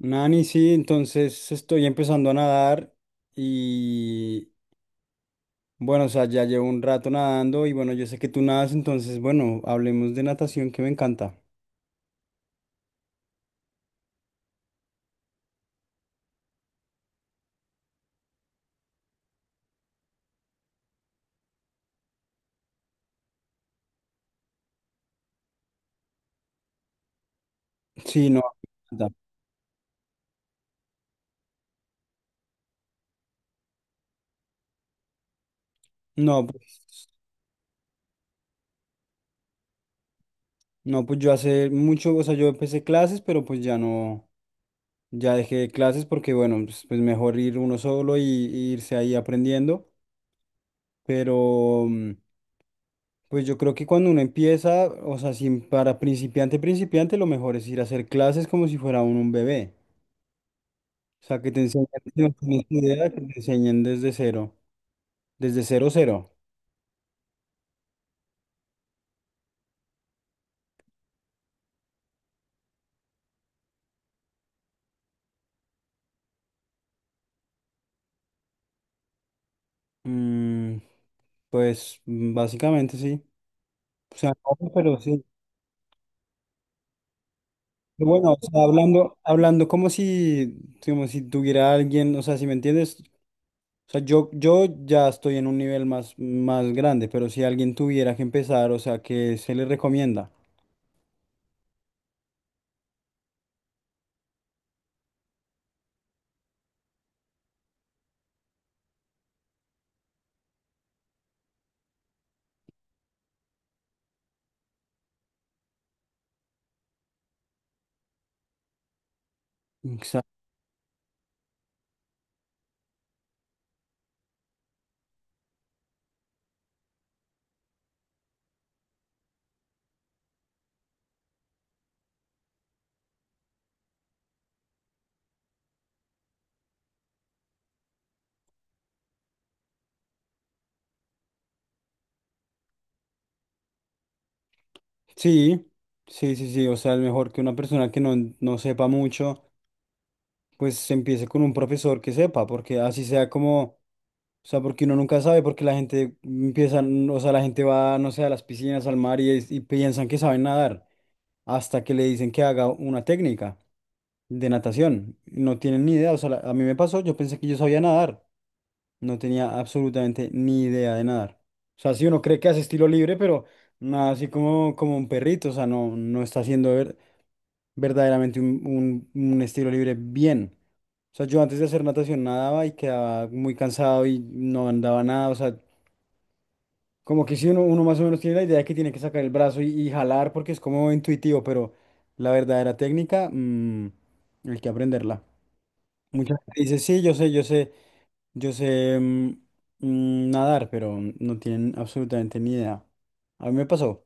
Nani, sí, entonces estoy empezando a nadar y bueno, o sea, ya llevo un rato nadando y bueno, yo sé que tú nadas, entonces bueno, hablemos de natación que me encanta. Sí, no, me encanta. no, pues, no, pues yo hace mucho, o sea, yo empecé clases, pero pues ya no, ya dejé clases porque bueno, pues mejor ir uno solo y irse ahí aprendiendo. Pero, pues yo creo que cuando uno empieza, o sea, sin, para principiante, principiante, lo mejor es ir a hacer clases como si fuera uno un bebé. O sea, que te enseñen, si no tienes ni idea, que te enseñen desde cero, cero. Mm, pues básicamente sí. O sea, no, pero sí. Pero, bueno, o sea, hablando, hablando como si tuviera alguien, o sea, si me entiendes, o sea, yo ya estoy en un nivel más, más grande, pero si alguien tuviera que empezar, o sea, ¿qué se le recomienda? Sí, sí, sí, sí. O sea, es mejor que una persona que no sepa mucho, pues se empiece con un profesor que sepa, porque así sea como, o sea, porque uno nunca sabe, porque la gente empieza, o sea, la gente va, no sé, a las piscinas, al mar y piensan que saben nadar, hasta que le dicen que haga una técnica de natación. No tienen ni idea, o sea, a mí me pasó, yo pensé que yo sabía nadar, no tenía absolutamente ni idea de nadar. O sea, sí, uno cree que hace estilo libre, pero nada, así como, como un perrito, o sea, no, no está haciendo verdaderamente un estilo libre bien. O sea, yo antes de hacer natación nadaba y quedaba muy cansado y no andaba nada. O sea, como que si uno más o menos tiene la idea de que tiene que sacar el brazo y jalar porque es como intuitivo, pero la verdadera técnica, hay que aprenderla. Mucha gente dice, sí, yo sé nadar, pero no tienen absolutamente ni idea. A mí me pasó.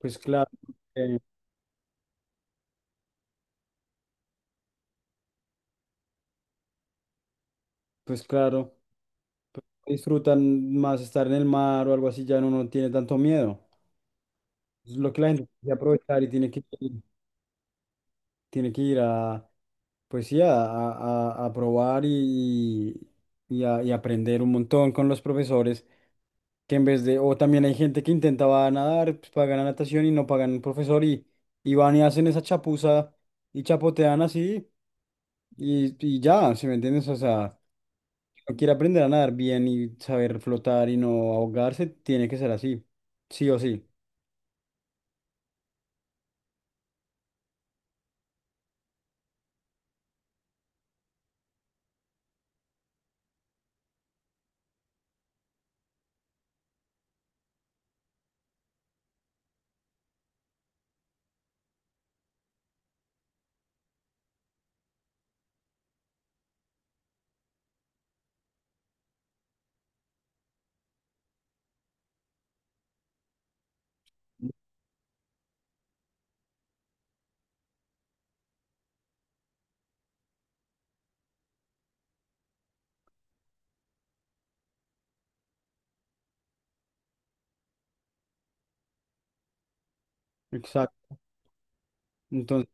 Pues claro, eh, pues claro. Disfrutan más estar en el mar o algo así, ya no, no tiene tanto miedo. Es lo que la gente tiene que aprovechar y tiene que ir, tiene que ir a, pues sí, a probar y aprender un montón con los profesores, que en vez de, o también hay gente que intentaba nadar, pues pagan la natación y no pagan un profesor y van y hacen esa chapuza y chapotean así y ya. ¿Sí me entiendes? O sea, si uno quiere aprender a nadar bien y saber flotar y no ahogarse, tiene que ser así, sí o sí. Exacto. Entonces,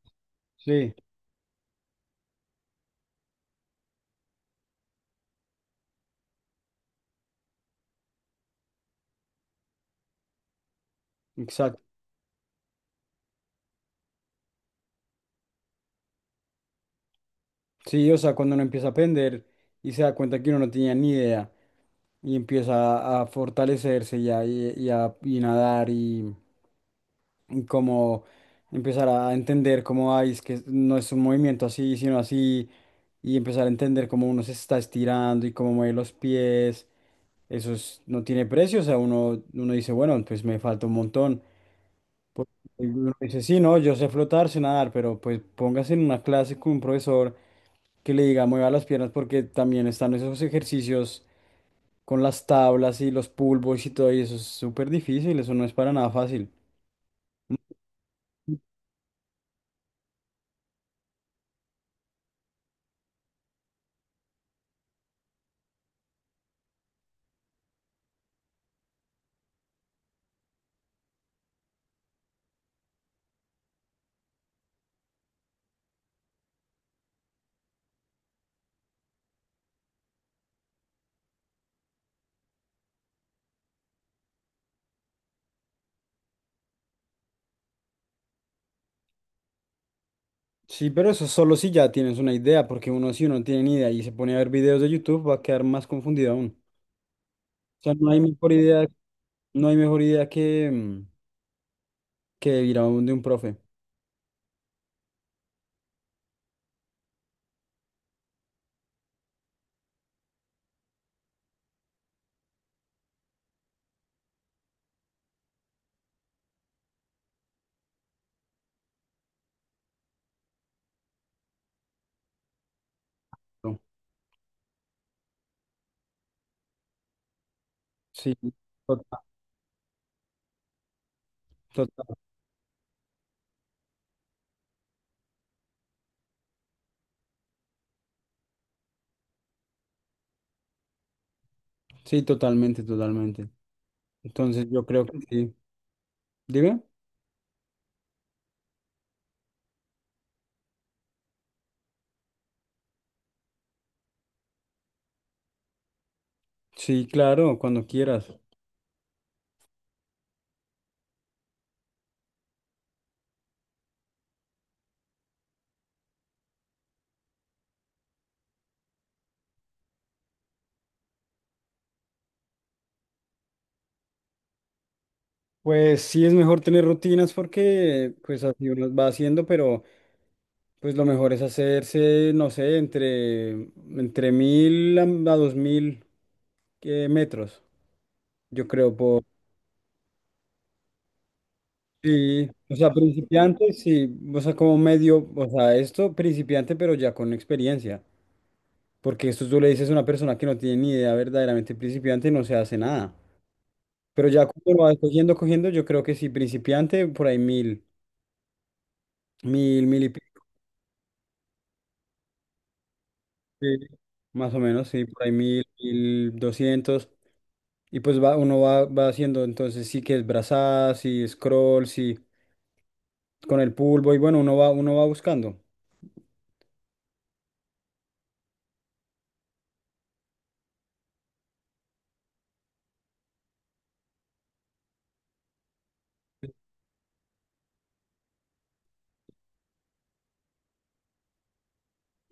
sí, exacto. Sí, o sea, cuando uno empieza a aprender y se da cuenta que uno no tenía ni idea y empieza a fortalecerse y a y nadar y como empezar a entender cómo hay, es que no es un movimiento así, sino así, y empezar a entender cómo uno se está estirando y cómo mueve los pies. No tiene precio, o sea, uno, uno dice, bueno, pues me falta un montón. Y uno dice, sí, no, yo sé flotar, sé nadar, pero pues póngase en una clase con un profesor que le diga mueva las piernas, porque también están esos ejercicios con las tablas y los pull boys y todo, y eso es súper difícil, eso no es para nada fácil. Sí, pero eso solo si ya tienes una idea, porque uno, si uno no tiene ni idea y se pone a ver videos de YouTube, va a quedar más confundido aún. O sea, no hay mejor idea, no hay mejor idea que ir a un de un profe. No. Sí, total, total. Sí, totalmente, totalmente. Entonces yo creo que sí. Dime. Sí, claro, cuando quieras. Pues sí es mejor tener rutinas porque pues así uno las va haciendo, pero pues lo mejor es hacerse, no sé, entre mil a 2000 metros, yo creo, Sí, o sea, principiante, sí, o sea, como medio, o sea, esto principiante, pero ya con experiencia, porque esto tú le dices a una persona que no tiene ni idea verdaderamente principiante, no se hace nada, pero ya cuando lo vas cogiendo, cogiendo, yo creo que sí, principiante, por ahí mil y. Sí, más o menos, sí, por ahí 1000, 1200. Y pues va, uno va, va haciendo entonces sí que es brazada, sí scroll, sí con el pulvo, y bueno, uno va buscando.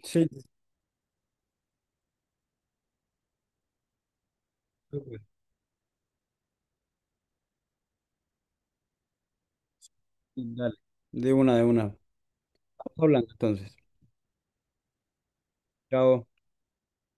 Sí, sí, sí, dale. De una, de una. Vamos hablando entonces. Chao.